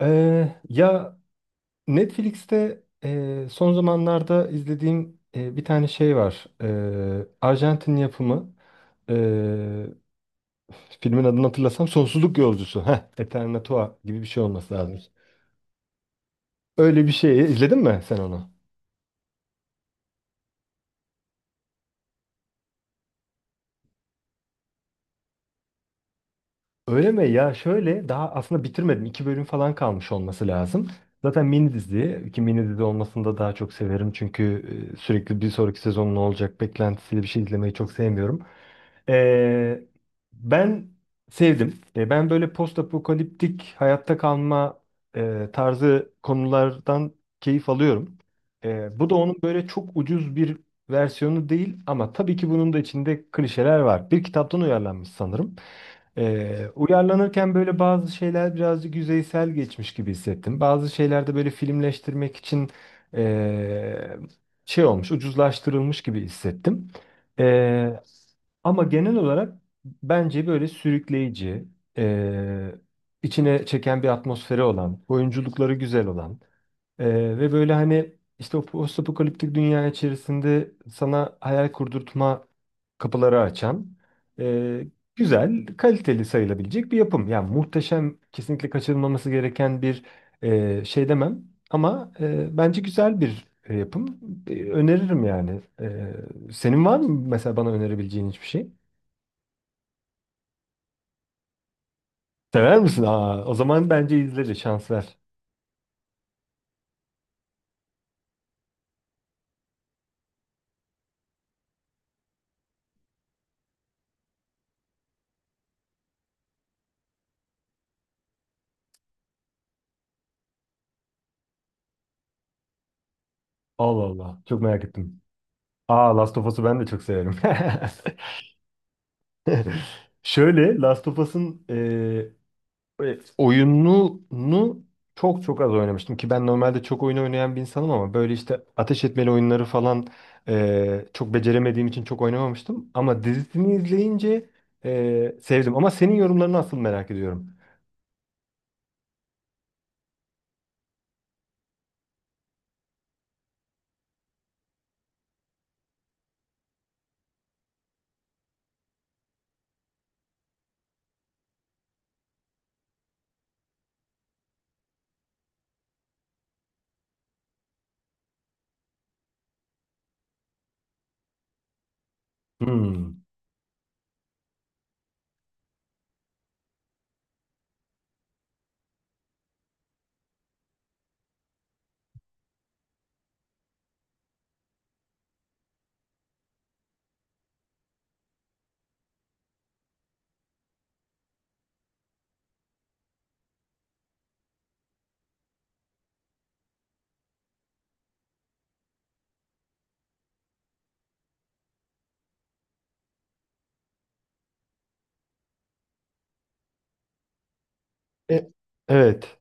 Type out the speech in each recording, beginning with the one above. Ee, ya Netflix'te son zamanlarda izlediğim bir tane şey var. Arjantin yapımı. e, Filmin adını hatırlasam Sonsuzluk Yolcusu. Heh, Eternatua gibi bir şey olması lazım. Öyle bir şey. İzledin mi sen onu? Öyle mi? Ya şöyle daha aslında bitirmedim. İki bölüm falan kalmış olması lazım. Zaten mini dizi. Ki mini dizi olmasını da daha çok severim. Çünkü sürekli bir sonraki sezonun ne olacak beklentisiyle bir şey izlemeyi çok sevmiyorum. Ee, Ben sevdim. Ben böyle post apokaliptik hayatta kalma tarzı konulardan keyif alıyorum. Bu da onun böyle çok ucuz bir versiyonu değil ama tabii ki bunun da içinde klişeler var. Bir kitaptan uyarlanmış sanırım. Uyarlanırken böyle bazı şeyler birazcık yüzeysel geçmiş gibi hissettim. Bazı şeyler de böyle filmleştirmek için e, şey olmuş, ucuzlaştırılmış gibi hissettim. Ee, Ama genel olarak bence böyle sürükleyici, eee, içine çeken bir atmosferi olan, oyunculukları güzel olan, ve böyle hani işte o postapokaliptik dünya içerisinde sana hayal kurdurtma kapıları açan, eee, güzel, kaliteli sayılabilecek bir yapım. Yani muhteşem, kesinlikle kaçırılmaması gereken bir şey demem ama bence güzel bir yapım. Öneririm yani. Senin var mı mesela bana önerebileceğin hiçbir şey? Sever misin? Aa, o zaman bence izleriz. Şans ver. Allah Allah. Çok merak ettim. Aa, Last of Us'u ben de çok severim. Şöyle Last of Us'ın oyununu çok çok az oynamıştım ki ben normalde çok oyun oynayan bir insanım ama böyle işte ateş etmeli oyunları falan çok beceremediğim için çok oynamamıştım. Ama dizisini izleyince sevdim. Ama senin yorumlarını asıl merak ediyorum. Hmm. E, evet.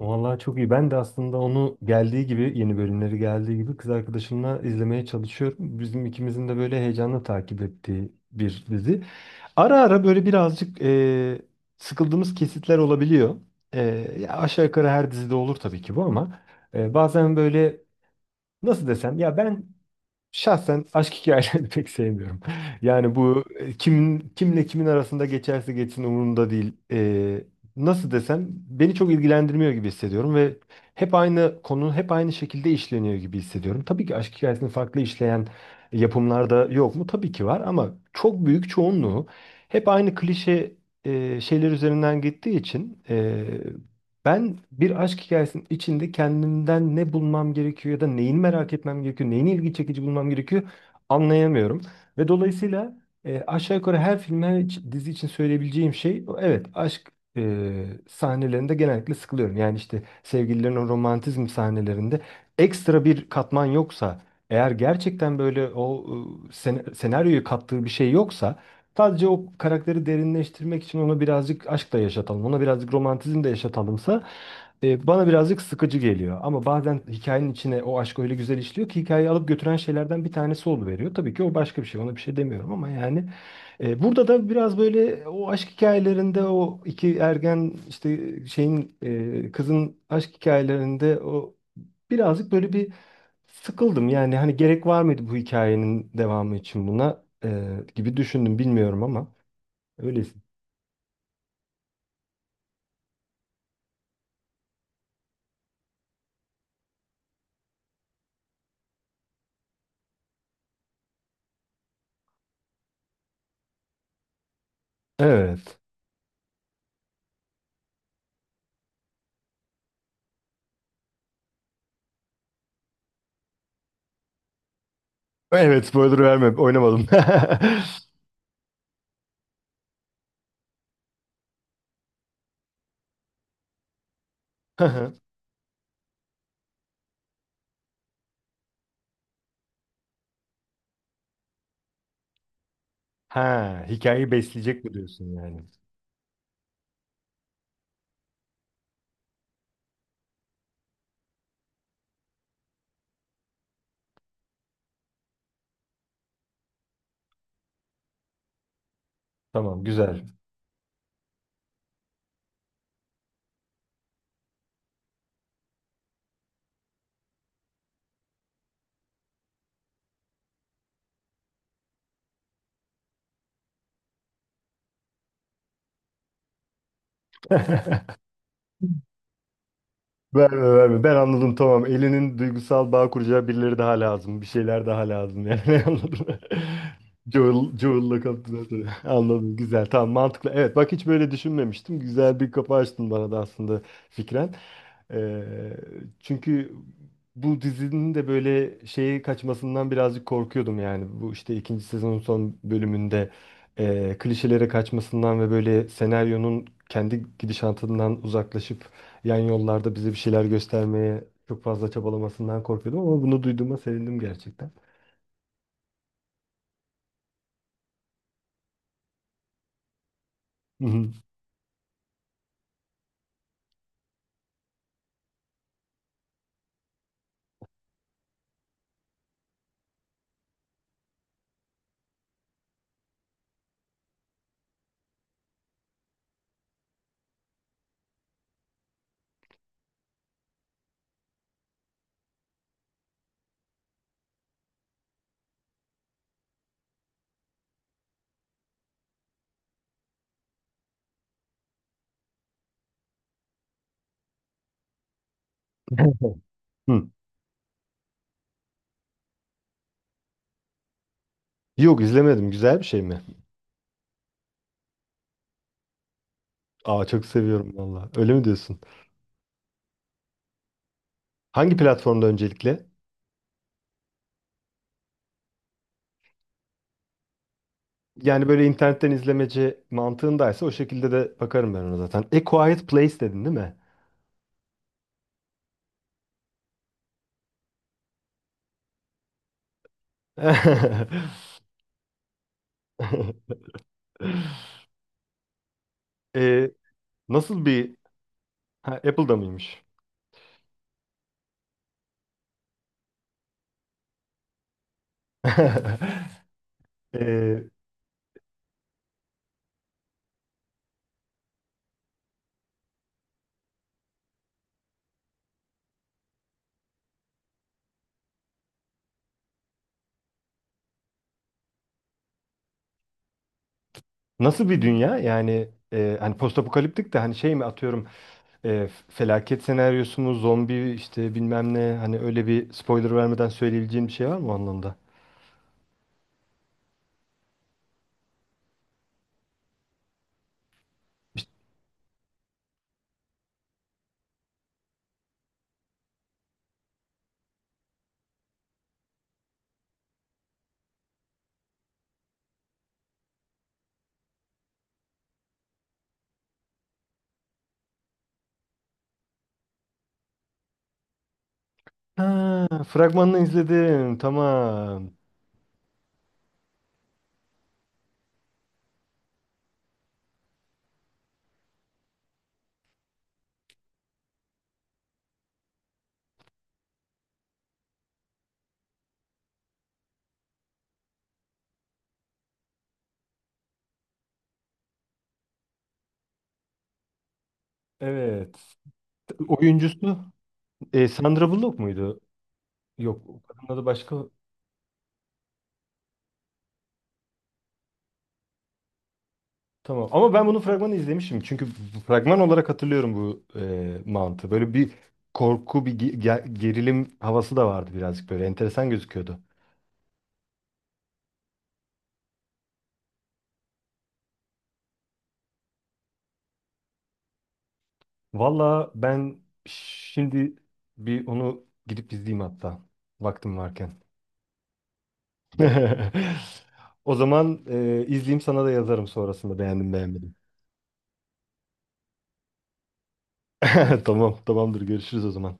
Vallahi çok iyi. Ben de aslında onu geldiği gibi, yeni bölümleri geldiği gibi kız arkadaşımla izlemeye çalışıyorum. Bizim ikimizin de böyle heyecanla takip ettiği bir dizi. Ara ara böyle birazcık sıkıldığımız kesitler olabiliyor. E, Ya aşağı yukarı her dizide olur tabii ki bu ama bazen böyle nasıl desem ya ben, şahsen aşk hikayelerini pek sevmiyorum. Yani bu kimin kimle kimin arasında geçerse geçsin umurumda değil. Nasıl desem, beni çok ilgilendirmiyor gibi hissediyorum ve hep aynı konu hep aynı şekilde işleniyor gibi hissediyorum. Tabii ki aşk hikayesini farklı işleyen yapımlarda yok mu? Tabii ki var ama çok büyük çoğunluğu hep aynı klişe şeyler üzerinden gittiği için ben bir aşk hikayesinin içinde kendimden ne bulmam gerekiyor ya da neyini merak etmem gerekiyor, neyini ilgi çekici bulmam gerekiyor anlayamıyorum. Ve dolayısıyla aşağı yukarı her film, her dizi için söyleyebileceğim şey, evet, aşk e, sahnelerinde genellikle sıkılıyorum. Yani işte sevgililerin o romantizm sahnelerinde ekstra bir katman yoksa eğer, gerçekten böyle o senaryoyu kattığı bir şey yoksa, sadece o karakteri derinleştirmek için onu birazcık aşkla yaşatalım, ona birazcık romantizm de yaşatalımsa bana birazcık sıkıcı geliyor. Ama bazen hikayenin içine o aşk öyle güzel işliyor ki hikayeyi alıp götüren şeylerden bir tanesi oluveriyor. Tabii ki o başka bir şey. Ona bir şey demiyorum ama yani burada da biraz böyle o aşk hikayelerinde o iki ergen işte şeyin, kızın aşk hikayelerinde o birazcık böyle bir sıkıldım. Yani hani gerek var mıydı bu hikayenin devamı için buna, gibi düşündüm bilmiyorum ama öylesin. Evet. Evet, spoiler verme, oynamadım. Ha, hikayeyi besleyecek mi diyorsun yani? Tamam, güzel. Verme, verme. Ben anladım, tamam. Elinin duygusal bağ kuracağı birileri daha lazım. Bir şeyler daha lazım yani, anladım. Joel, Joel'la kaptılar tabii. Anladım, güzel, tamam, mantıklı. Evet, bak, hiç böyle düşünmemiştim. Güzel bir kapı açtın bana da aslında fikren. Ee, Çünkü bu dizinin de böyle şeye kaçmasından birazcık korkuyordum yani. Bu işte ikinci sezonun son bölümünde klişelere kaçmasından ve böyle senaryonun kendi gidişatından uzaklaşıp yan yollarda bize bir şeyler göstermeye çok fazla çabalamasından korkuyordum ama bunu duyduğuma sevindim gerçekten. Hı hı. Hı. Yok, izlemedim. Güzel bir şey mi? Aa, çok seviyorum valla. Öyle mi diyorsun? Hangi platformda öncelikle? Yani böyle internetten izlemeci mantığındaysa o şekilde de bakarım ben ona zaten. A Quiet Place dedin değil mi? Ee, Nasıl bir... Ha, Apple'da mıymış? Ee, Nasıl bir dünya? Yani hani postapokaliptik de, hani şey mi, atıyorum, felaket senaryosu mu, zombi işte bilmem ne, hani öyle bir spoiler vermeden söyleyebileceğim bir şey var mı o anlamda? İşte- Ha, fragmanını izledim. Tamam. Evet. Oyuncusu Sandra Bullock muydu? Yok, o kadının adı başka. Tamam. Ama ben bunun fragmanı izlemişim. Çünkü bu fragman olarak hatırlıyorum bu mantığı. Böyle bir korku, bir gerilim havası da vardı birazcık böyle. Enteresan gözüküyordu. Valla ben şimdi bir onu gidip izleyeyim hatta. Vaktim varken. O zaman izleyeyim, sana da yazarım sonrasında beğendim beğenmedim. Tamam, tamamdır, görüşürüz o zaman.